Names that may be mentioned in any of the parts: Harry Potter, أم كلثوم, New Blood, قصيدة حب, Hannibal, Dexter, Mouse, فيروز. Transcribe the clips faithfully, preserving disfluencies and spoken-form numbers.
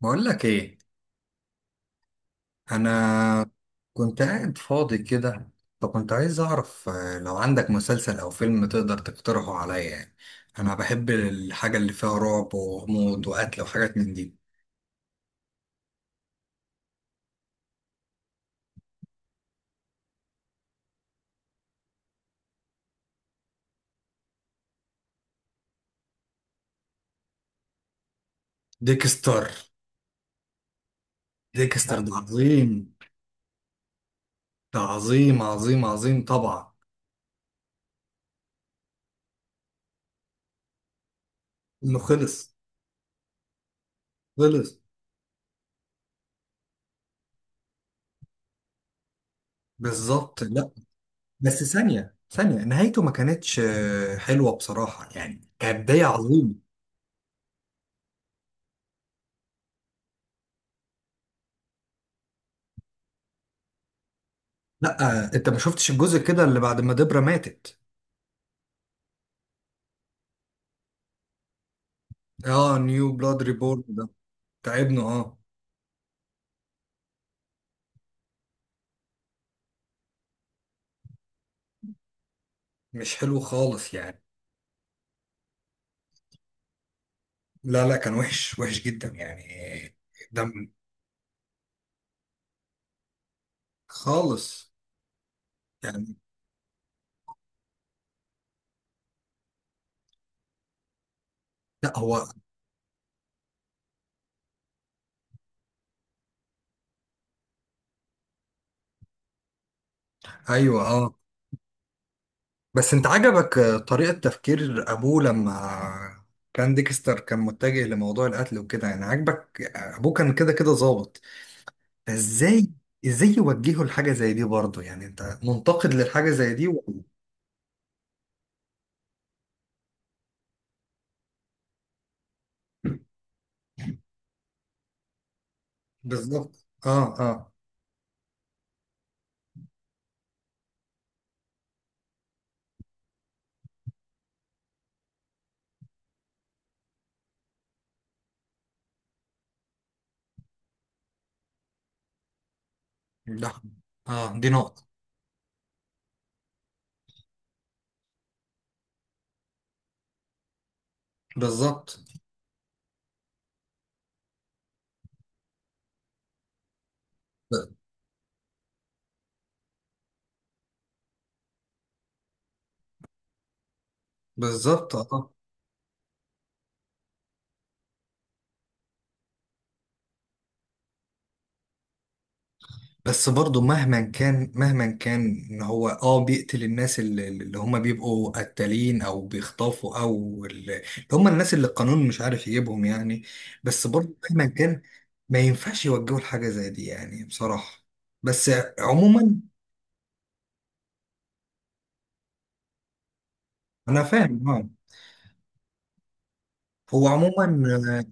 بقول لك ايه. انا كنت قاعد فاضي كده، فكنت عايز اعرف آه، لو عندك مسلسل او فيلم تقدر تقترحه عليا يعني. انا بحب الحاجه اللي فيها رعب وغموض وقتل وحاجات من دي. ديكستر. ديكستر ده عظيم. ده عظيم عظيم عظيم طبعا. انه خلص. خلص. بالظبط، لا. بس ثانيه ثانيه، نهايته ما كانتش آه، حلوه بصراحه، يعني كانت بدايه عظيمه. لا، آه، انت ما شفتش الجزء كده اللي بعد ما دبرة ماتت. اه، نيو بلاد ريبورن ده. تعبنا اه. مش حلو خالص يعني. لا، لا، كان وحش وحش جدا يعني. دم. خالص يعني. لا، هو. ايوه، اه. بس انت عجبك آه، طريقة تفكير ابوه لما كان ديكستر كان متجه لموضوع القتل وكده، يعني عجبك آه، ابوه كان كده كده ظابط. فازاي؟ ازاي يوجهه لحاجة زي دي برضه؟ يعني انت منتقد للحاجة زي دي و. بالظبط، اه، اه. لا. اه، دي نقطة. بالظبط، بالظبط، اه. بس برضه مهما كان مهما كان ان هو اه بيقتل الناس اللي, اللي هم بيبقوا قتالين او بيخطفوا او اللي هم الناس اللي القانون مش عارف يجيبهم يعني. بس برضه مهما كان ما ينفعش يوجهوا لحاجة زي دي يعني بصراحة. بس. عموما. انا فاهم اه. هو عموما. آه،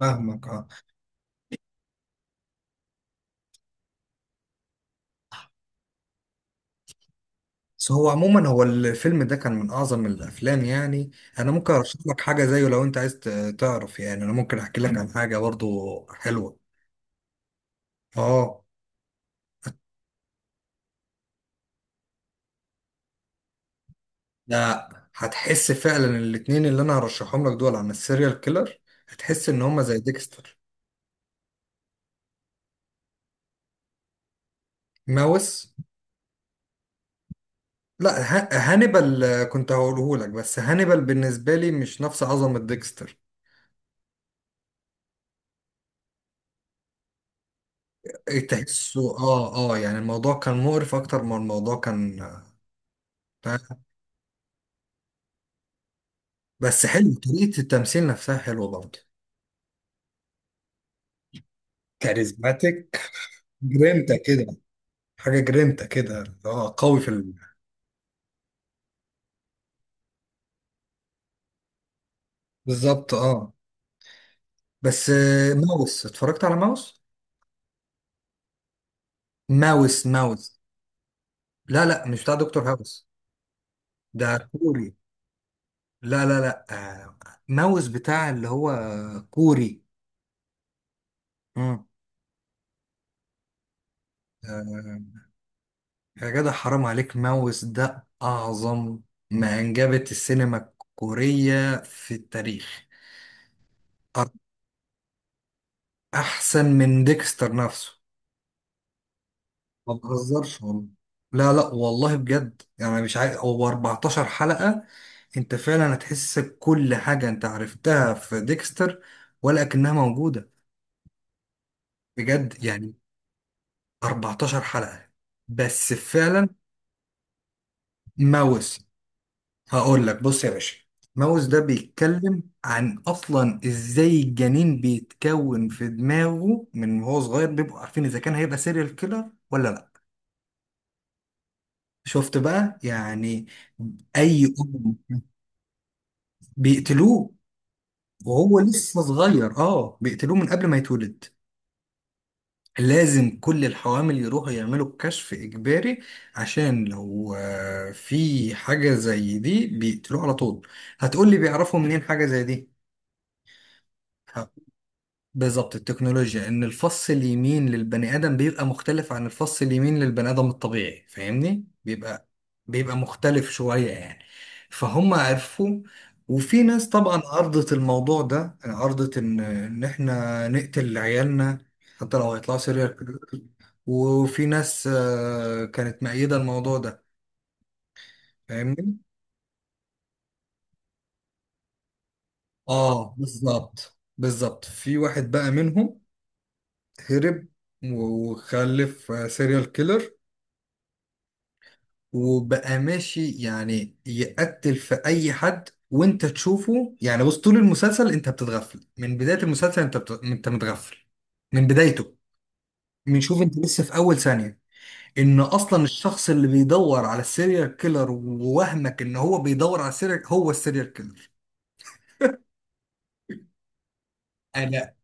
فاهمك اه. بس هو عموما، هو الفيلم ده كان من اعظم الافلام يعني. انا ممكن ارشح لك حاجة زيه لو انت عايز ت- تعرف، يعني انا ممكن احكي لك عن حاجة برضه حلوة. اه. ده هتحس فعلا الاتنين اللي انا هرشحهم لك دول عن السيريال كيلر، هتحس ان هما زي ديكستر. ماوس. لا، ه- هانيبال آه، كنت هقوله لك، بس هانيبال بالنسبه لي مش نفس عظمه ديكستر. تحسه اه، اه، يعني الموضوع كان مقرف اكتر ما الموضوع كان. آه، بس حلو طريقه التمثيل نفسها حلوه برضه. كاريزماتيك. جرينتا كده. حاجه جرينتا كده اه قوي في ال. بالظبط اه. بس آه، ماوس اتفرجت على ماوس. ماوس، ماوس. لا، لا، مش بتاع دكتور هاوس. ده كوري. لا، لا، لا. آه، ماوس بتاع اللي هو كوري. امم. آه، يا جدع، حرام عليك، ماوس ده أعظم ما أنجبت السينما الكورية في التاريخ. أر- أحسن من ديكستر نفسه. ما بهزرش والله. لا، لا، والله بجد، يعني مش عارف هو اربعتاشر حلقة. أنت فعلا هتحس كل حاجة أنت عرفتها في ديكستر، ولكنها موجودة. بجد يعني. اربعتاشر حلقة بس فعلا. ماوس. هقول لك، بص يا باشا. ماوس ده بيتكلم عن اصلا ازاي الجنين بيتكون في دماغه، من وهو صغير بيبقوا عارفين اذا كان هيبقى سيريال كيلر ولا لا. شفت بقى يعني. اي ام. بيقتلوه. وهو لسه صغير اه، بيقتلوه من قبل ما يتولد. لازم كل الحوامل يروحوا يعملوا الكشف إجباري، عشان لو آه، في حاجة زي دي بيقتلوه على طول. هتقولي بيعرفوا منين حاجة زي دي؟ ه- بالظبط، التكنولوجيا إن الفص اليمين للبني آدم بيبقى مختلف عن الفص اليمين للبني آدم الطبيعي، فاهمني، بيبقى بيبقى مختلف شوية يعني. فهم عرفوا. وفي ناس طبعا عرضت الموضوع ده، عرضت إن إن إحنا نقتل عيالنا حتى لو هيطلعوا سيريال. وفي ناس آه، كانت مأيدة الموضوع ده. فاهمني؟ اه، بالظبط، بالظبط، في واحد بقى منهم هرب وخلف سيريال كيلر، وبقى ماشي يعني يقتل في اي حد. وانت تشوفه يعني، بص طول المسلسل انت بتتغفل، من بداية المسلسل انت بت... انت متغفل من بدايته. بنشوف انت لسه في اول ثانية ان اصلا الشخص اللي بيدور على السيريال كيلر ووهمك ان هو بيدور على السيريال هو السيريال كيلر. انا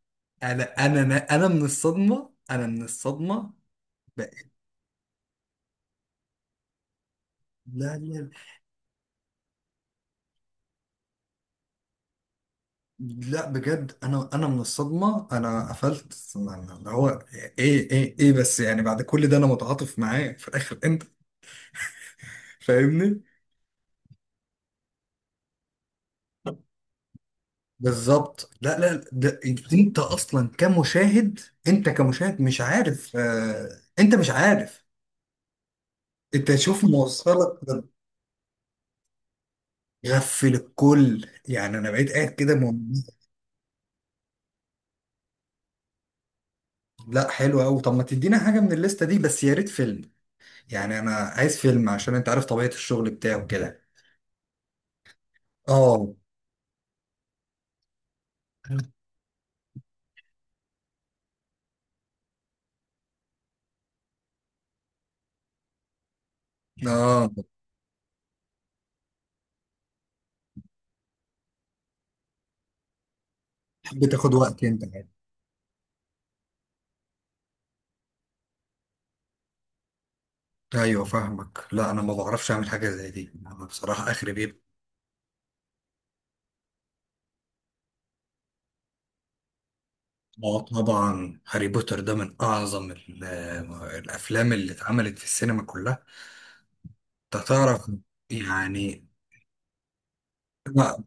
انا انا انا أنا من الصدمه، انا من الصدمه. ب... لا، لا، لا، بجد انا انا من الصدمه، انا قفلت يعني، اللي هو ايه، ايه، ايه، بس يعني بعد كل ده انا متعاطف معاه في الاخر، انت فاهمني؟ بالظبط، لا، لا، ده انت اصلا كمشاهد، انت كمشاهد مش عارف، آه انت مش عارف. انت شوف موصلك ده. غفل الكل، يعني انا بقيت قاعد كده مم- لا، حلو قوي. طب ما تدينا حاجه من الليسته دي، بس يا ريت فيلم، يعني انا عايز فيلم عشان انت عارف طبيعة الشغل بتاعه كده. اه. اه. بتحب تاخد وقت انت يعني. ايوه، فاهمك. لا، انا ما بعرفش اعمل حاجة زي دي، انا بصراحة اخري بيبقى. اه، طبعا هاري بوتر ده من اعظم ال- آه، الافلام اللي اتعملت في السينما كلها. انت تعرف يعني. لا،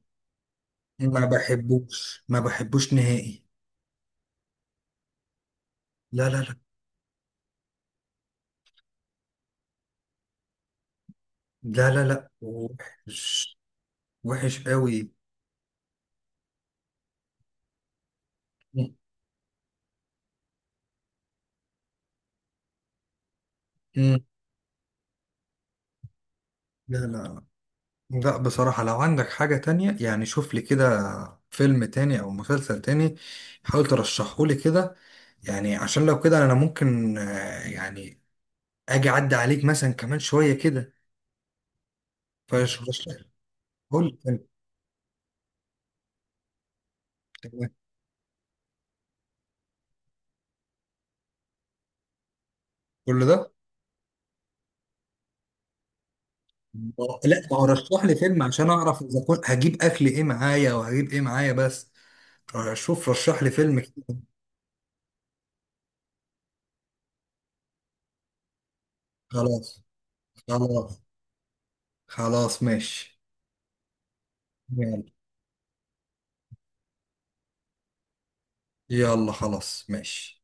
ما بحبوش، ما بحبوش نهائي. لا، لا، لا. لا، لا، لا. وحش. وحش قوي. مم. لا، لا. لا، بصراحة لو عندك حاجة تانية يعني، شوف لي كده فيلم تاني أو مسلسل تاني، حاول ترشحه لي كده. يعني عشان لو كده أنا ممكن آه، يعني أجي أعدي عليك مثلا كمان شوية كده، فرشح لي. قول لي فيلم. تمام. كل ده؟ ما هو- لا، ما هو رشح لي فيلم عشان أعرف إذا كنت هجيب أكل إيه معايا وهجيب إيه معايا، بس آه، شوف رشح لي فيلم كده. خلاص. خلاص. خلاص ماشي. يلا. يلا، خلاص ماشي.